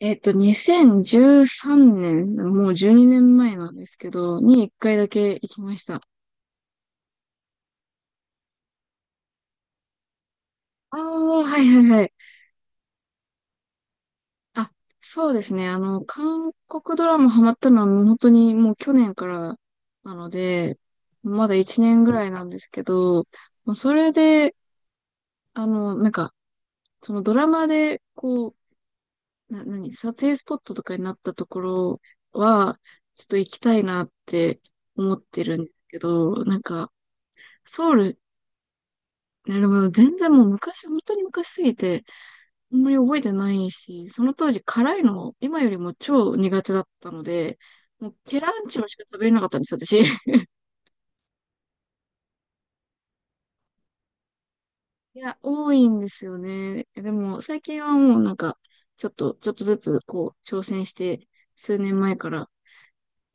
2013年、もう12年前なんですけど、に1回だけ行きました。ああ、はいはいはい。あ、そうですね。韓国ドラマハマったのはもう本当にもう去年からなので、まだ1年ぐらいなんですけど、もうそれで、なんか、そのドラマで、こう、何、撮影スポットとかになったところは、ちょっと行きたいなって思ってるんですけど、なんか、ソウル、いや、でも全然もう昔、本当に昔すぎて、あんまり覚えてないし、その当時辛いの今よりも超苦手だったので、もうケランチョしか食べれなかったんですよ、私。いや、多いんですよね。でも最近はもうなんか、ちょっとずつこう、挑戦して、数年前から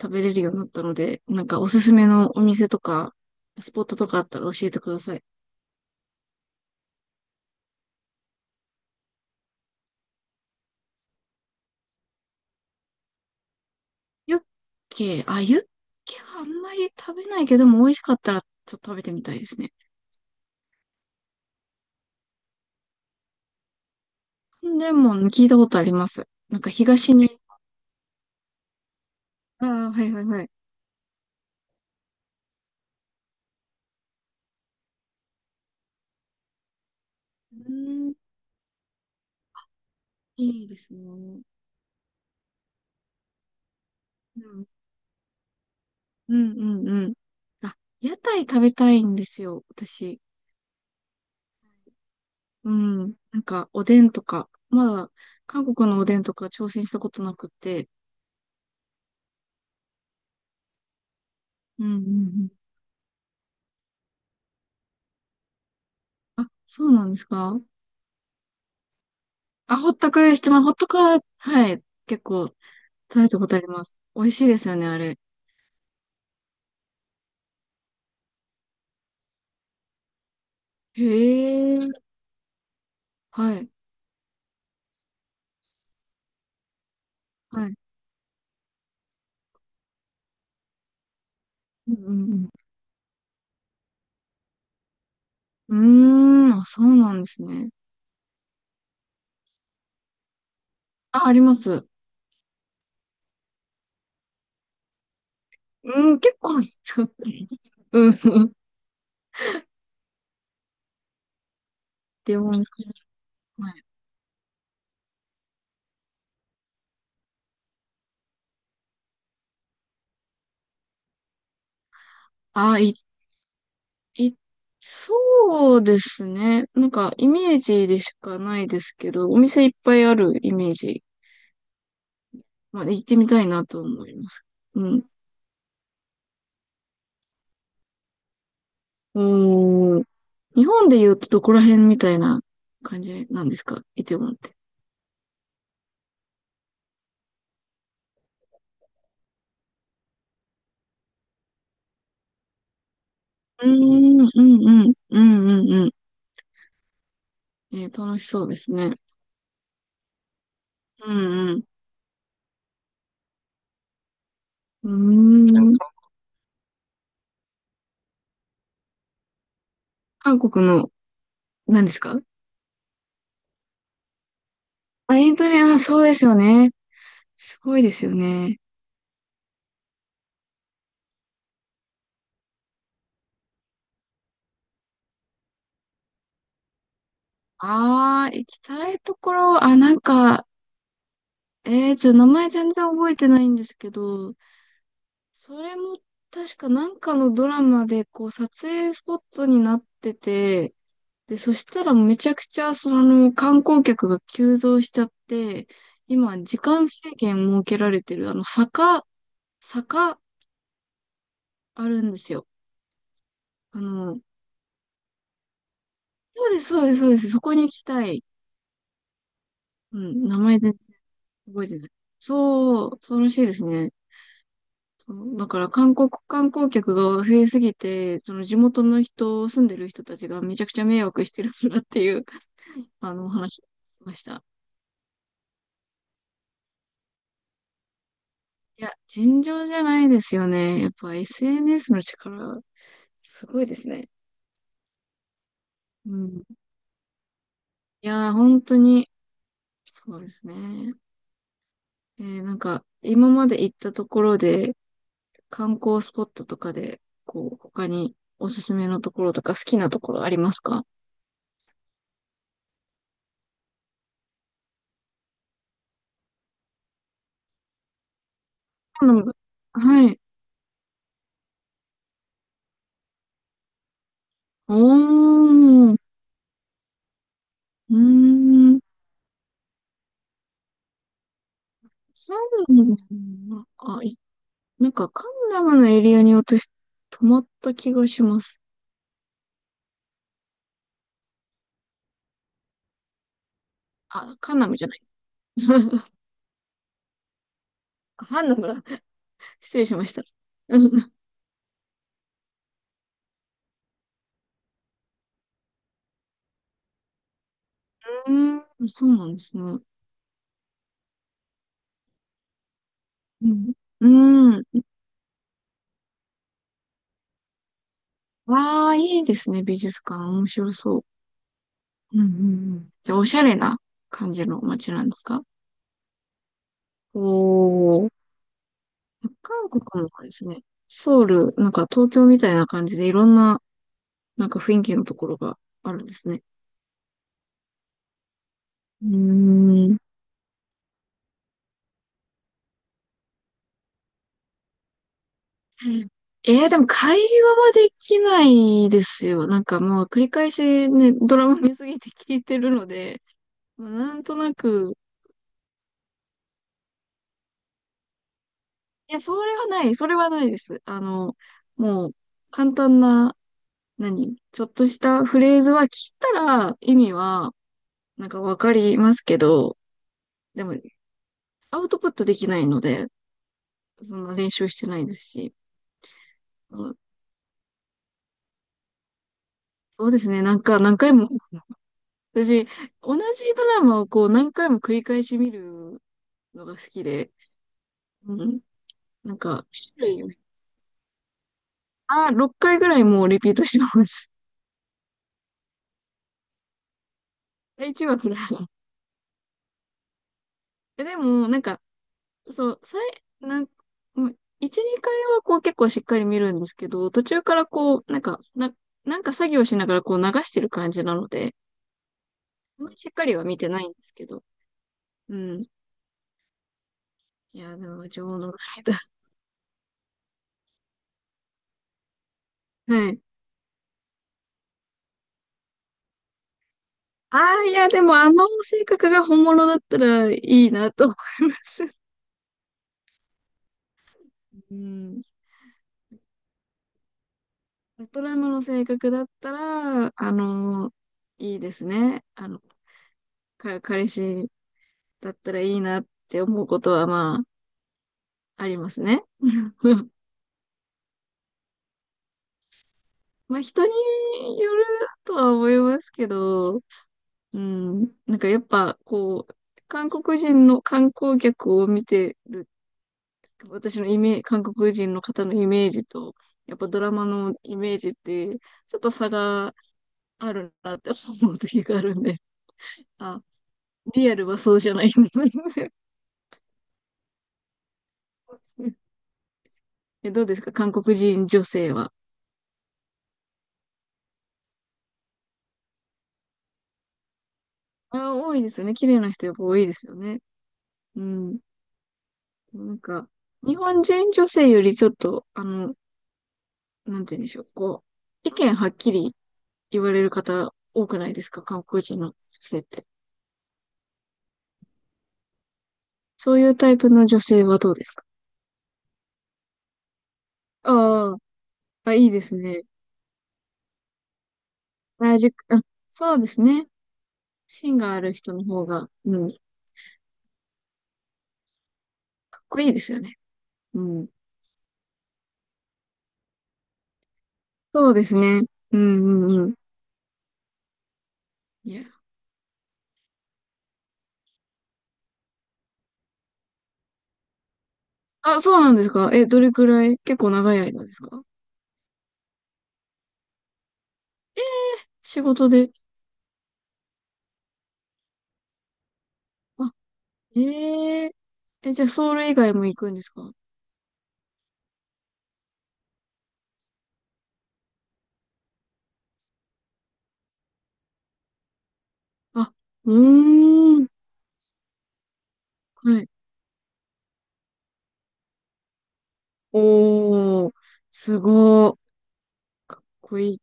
食べれるようになったので、なんかおすすめのお店とか、スポットとかあったら教えてください。ユッユッケはあんまり食べないけども美味しかったらちょっと食べてみたいですね。でも、聞いたことあります。なんか東に、ああ、はいはいはい。うーん、いいですね。うん、うんうんうん。あ、屋台食べたいんですよ、私。うん。なんか、おでんとか、まだ、韓国のおでんとか挑戦したことなくて。うんうんうん。あ、そうなんですか？あ、ほったくしてます。ほったくは、はい。結構、食べたことあります。美味しいですよね、あれ。へえ。はい。はい。うんうんうん。うーん、あ、そうなんですね。あ、あります。うん、結構あります。うん。でも、はい。あ、い、そうですね。なんか、イメージでしかないですけど、お店いっぱいあるイメージ。まあ、行ってみたいなと思います。うん。うーん。日本で言うとどこら辺みたいな感じなんですか、イテウォンって？うーん、うん、うん、うん、うん、うん。楽しそうですね。うん、うん。うーん。韓国の、何ですか？あ、エンタメ、あ、そうですよね。すごいですよね。ああ、行きたいところ、あ、なんか、ちょっと名前全然覚えてないんですけど、それも確かなんかのドラマで、こう、撮影スポットになってて、で、そしたらめちゃくちゃ、観光客が急増しちゃって、今、時間制限設けられてる、坂あるんですよ。あの、そうです、そうです、そうです。そこに行きたい。うん、名前全然覚えてない。そう、そうらしいですね。そうだから韓国観光客が増えすぎて、その地元の人、住んでる人たちがめちゃくちゃ迷惑してるからっていう、お話を聞きました。いや、尋常じゃないですよね。やっぱ SNS の力、すごいですね。うん。いやー、本当に、そうですね。なんか、今まで行ったところで、観光スポットとかで、こう、他におすすめのところとか好きなところありますか？あのはい。おー、うーん。カンナダの、あ、なんかカンナムのエリアに私、泊まった気がします。あ、カンナムじゃない。ハンナムだ。失礼しました。うん、うーん、そうなんですね。うん。うーん。ああ、いいですね、美術館。面白そう。うん、うん、うん。で、おしゃれな感じの街なんですか？おー。韓国もですね、ソウル、なんか東京みたいな感じでいろんななんか雰囲気のところがあるんですね。うーん。でも会話はできないですよ。なんかもう繰り返しね、ドラマ見すぎて聞いてるので、まあなんとなく、いや、それはない、それはないです。もう、簡単な、ちょっとしたフレーズは聞いたら意味は、なんかわかりますけど、でも、アウトプットできないので、そんな練習してないですし、うん、そうですね、なんか何回も私、同じドラマをこう何回も繰り返し見るのが好きで、うん。なんか、種類を、あ、6回ぐらいもうリピートしてます。1話くらい でも、なんか、そう、さい、なん、もう1、2回はこう結構しっかり見るんですけど、途中からこう、なんか、なんか作業しながらこう流してる感じなので、あんまりしっかりは見てないんですけど、うん。いや、でも、女王のライダー。ああ、いや、でもあの性格が本物だったらいいなと思います。うん。ベトナムの性格だったら、いいですね。彼氏だったらいいなって思うことは、まあ、ありますね。まあ、人によるとは思いますけど、うん。なんかやっぱ、こう、韓国人の観光客を見てる私のイメージ、韓国人の方のイメージと、やっぱドラマのイメージって、ちょっと差があるなって思う時があるんで、あ、リアルはそうじゃないんだ どうですか、韓国人女性は？あ、多いですよね。綺麗な人やっぱ多いですよね。うん。なんか、日本人女性よりちょっと、なんて言うんでしょう。こう、意見はっきり言われる方多くないですか、韓国人の女性って？そういうタイプの女性はどうですか？ああー。あ、いいですね。原宿、あ、そうですね。芯がある人の方が、うん、かっこいいですよね。うん。そうですね。うんうんうん。いや。あ、そうなんですか。どれくらい、結構長い間ですか？仕事で。あ、えええ、じゃあソウル以外も行くんですか？あ、うーん。はい。おー、すごー。かっこいい。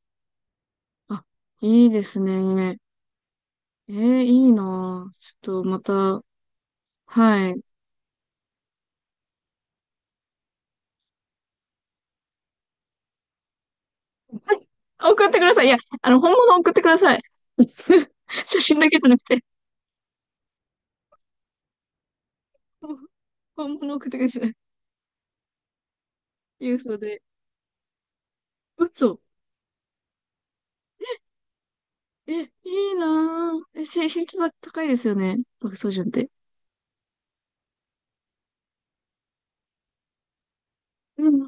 あ、いいですね。えー、いいなぁ。ちょっとまた、はい。送ってください。いや、本物送ってください。写真だけじゃなくて、本物送ってください。郵送で。嘘。え、いいなぁ。え、身長高いですよね。爆走順って。うん。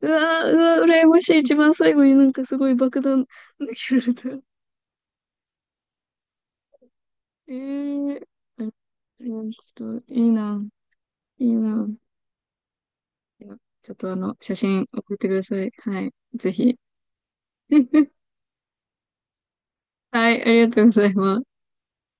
うわぁ、うわぁ、羨ましい。一番最後になんかすごい爆弾投げられた。えー、あちょっと、いいなぁ。いいなぁ。いやちょっと写真送ってください。はい。ぜひ。はい、ありがとうございます。